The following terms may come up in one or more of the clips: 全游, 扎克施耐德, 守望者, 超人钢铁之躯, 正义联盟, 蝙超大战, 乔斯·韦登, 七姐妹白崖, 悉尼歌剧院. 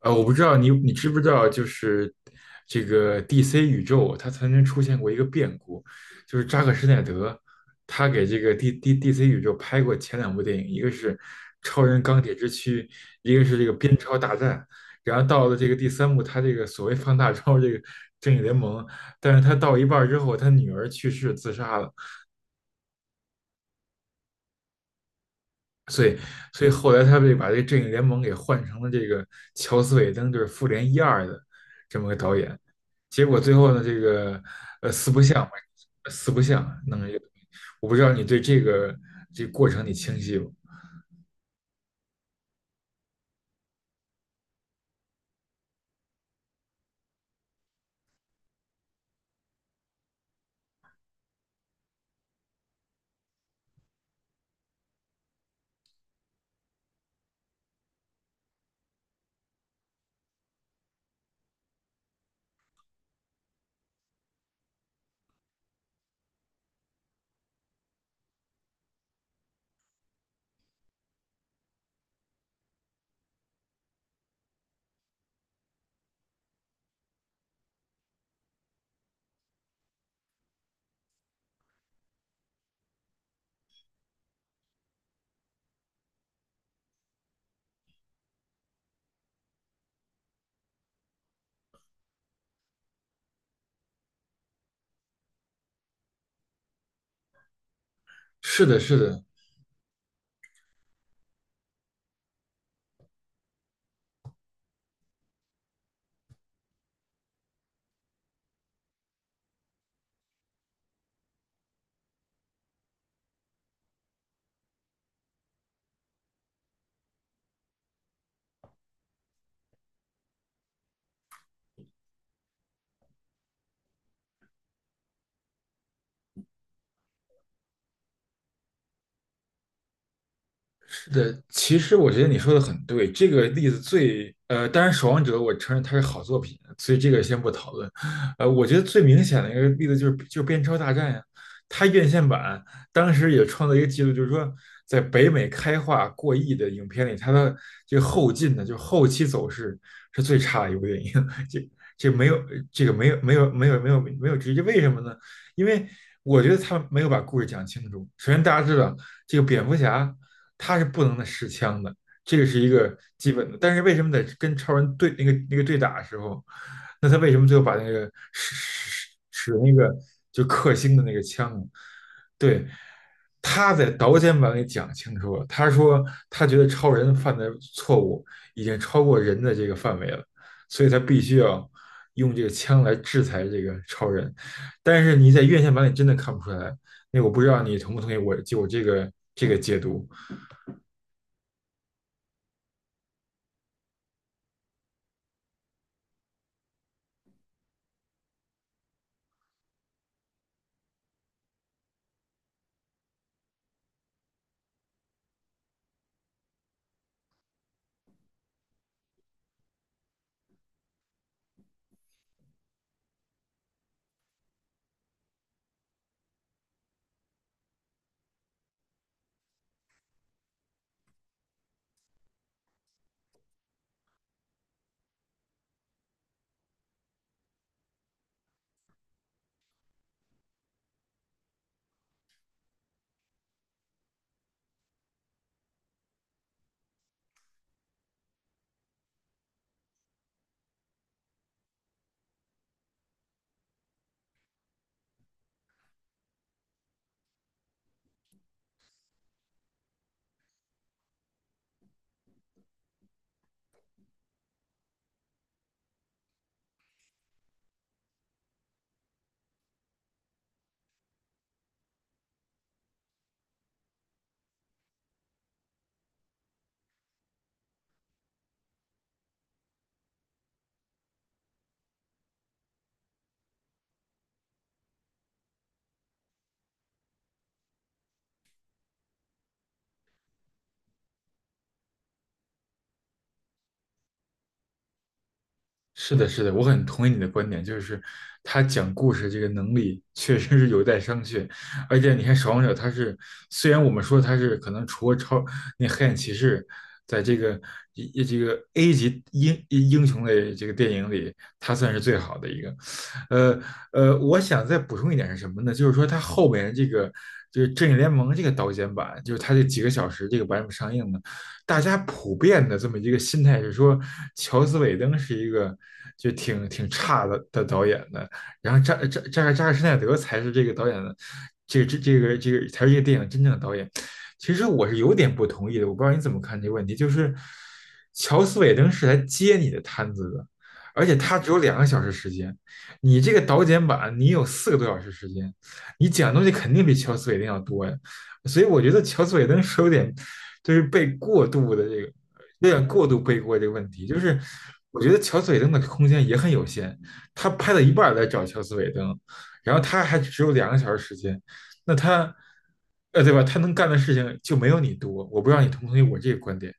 我不知道你知不知道，就是这个 DC 宇宙，它曾经出现过一个变故，就是扎克施耐德，他给这个 DC 宇宙拍过前两部电影，一个是《超人钢铁之躯》，一个是这个《蝙超大战》，然后到了这个第三部，他这个所谓放大招这个正义联盟，但是他到一半儿之后，他女儿去世自杀了，所以，所以后来他们就把这个正义联盟给换成了这个乔斯·韦登，就是复联一二的这么个导演。结果最后呢，这个四不像嘛，四不像弄了一个东西，我不知道你对这个过程你清晰不？是的，是的，是的，其实我觉得你说的很对。这个例子最，当然《守望者》，我承认它是好作品，所以这个先不讨论。我觉得最明显的一个例子就是《边超大战》呀，它院线版当时也创造一个记录，就是说在北美开画过亿的影片里，它的这个后劲呢，就是后期走势是最差的一部电影。这这没有这个没有没有没有没有没有直接，为什么呢？因为我觉得他没有把故事讲清楚。首先，大家知道这个蝙蝠侠。他是不能的持枪的，这个是一个基本的。但是为什么在跟超人对那个对打的时候，那他为什么最后把那个使使使那个就克星的那个枪啊对，他在导演版里讲清楚了，他说他觉得超人犯的错误已经超过人的这个范围了，所以他必须要用这个枪来制裁这个超人。但是你在院线版里真的看不出来，那我不知道你同不同意我就我这个解读。是的，是的，我很同意你的观点，就是他讲故事这个能力确实是有待商榷。而且你看《守望者》，他是虽然我们说他是可能除了超那黑暗骑士，在这个一这个 A 级英雄类这个电影里，他算是最好的一个。呃我想再补充一点是什么呢？就是说他后面这个就是《正义联盟》这个导剪版，就是他这几个小时这个版本上映呢。大家普遍的这么一个心态是说，乔斯·韦登是一个就挺差的导演的，然后扎克施奈德才是这个导演的，这个才是这个电影真正的导演。其实我是有点不同意的，我不知道你怎么看这个问题，就是乔斯·韦登是来接你的摊子的，而且他只有两个小时时间，你这个导剪版你有4个多小时时间，你讲的东西肯定比乔斯·韦登要多呀。所以我觉得乔斯韦登是有点就是被过度的这个有点过度背锅这个问题，就是我觉得乔斯韦登的空间也很有限，他拍了一半来找乔斯韦登，然后他还只有两个小时时间，那他对吧？他能干的事情就没有你多，我不知道你同不同意我这个观点。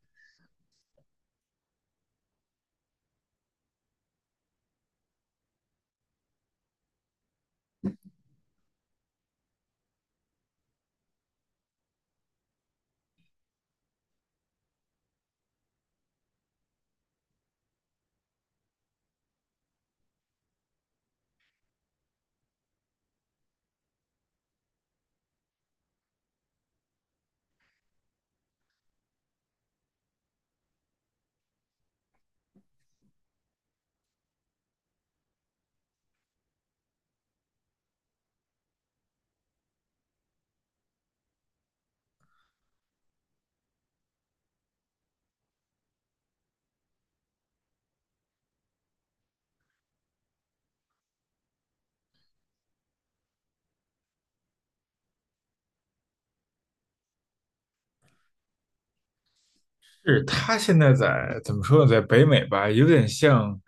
是他现在在怎么说呢，在北美吧，有点像，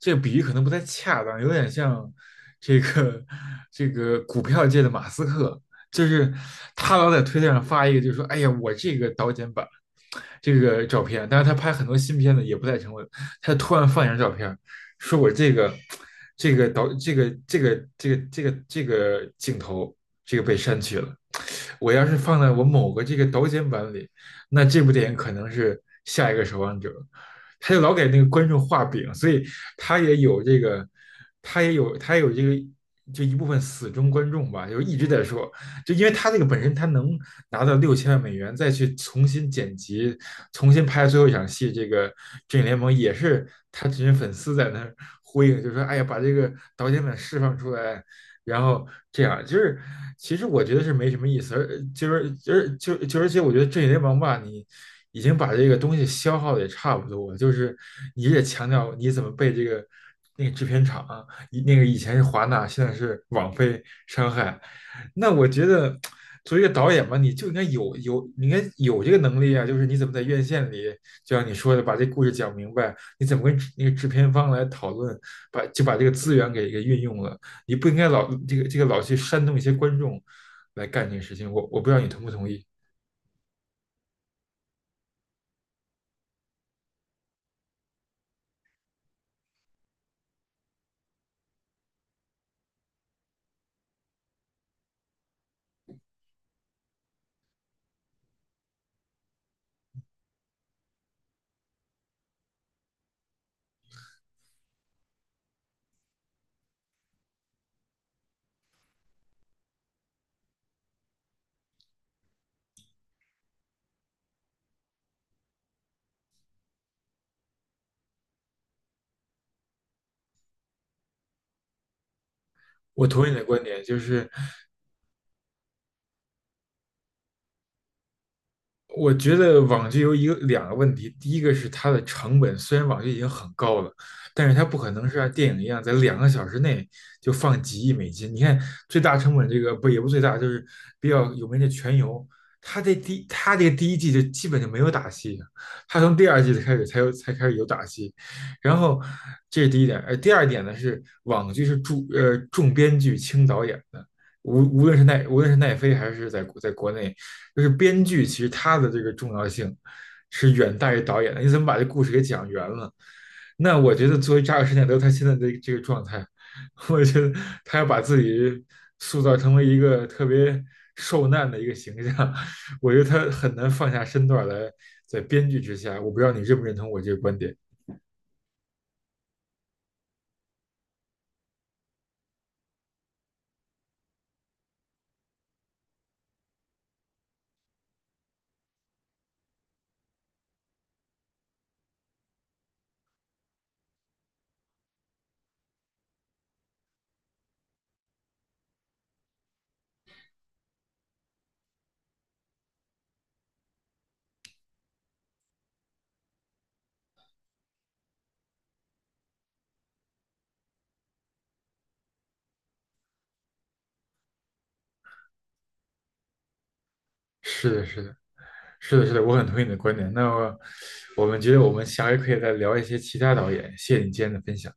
这个比喻可能不太恰当，有点像这个这个股票界的马斯克，就是他老在推特上发一个，就是说，哎呀，我这个导剪版这个照片，但是他拍很多新片子也不太成功，他突然放一张照片，说我这个这个导这个这个这个这个这个镜头这个被删去了，我要是放在我某个这个导剪版里。那这部电影可能是下一个守望者。他就老给那个观众画饼，所以他也有这个，他也有这个，就一部分死忠观众吧，就一直在说，就因为他这个本身他能拿到6000万美元，再去重新剪辑、重新拍最后一场戏，这个《正义联盟》也是他这些粉丝在那儿呼应，就说：“哎呀，把这个导演们释放出来，然后这样就是，其实我觉得是没什么意思，而就是就是就就而且我觉得这些王八你已经把这个东西消耗的也差不多了就是你也强调你怎么被这个那个制片厂以那个以前是华纳，现在是网飞伤害，那我觉得作为一个导演吧，你就应该有你应该有这个能力啊，就是你怎么在院线里，就像你说的把这故事讲明白，你怎么跟那个制片方来讨论，把就把这个资源给运用了。你不应该老老去煽动一些观众来干这个事情。我不知道你同不同意，我同意你的观点，就是我觉得网剧有一个两个问题，第一个是它的成本，虽然网剧已经很高了，但是它不可能是像电影一样在2个小时内就放几亿美金。你看最大成本这个不也不最大，就是比较有名的《全游》，它这第它这个第一季就基本就没有打戏，它从第二季开始才开始有打戏。然后这是第一点，第二点呢是网剧是重编剧轻导演，的。无论是奈飞还是在国内，就是编剧其实他的这个重要性是远大于导演的。你怎么把这故事给讲圆了？那我觉得作为扎克施耐德他现在的这个状态，我觉得他要把自己塑造成为一个特别受难的一个形象，我觉得他很难放下身段来在编剧之下。我不知道你认不认同我这个观点？是的，是的。是的，是的，我很同意你的观点。那么我们觉得我们下回可以再聊一些其他导演。谢谢你今天的分享。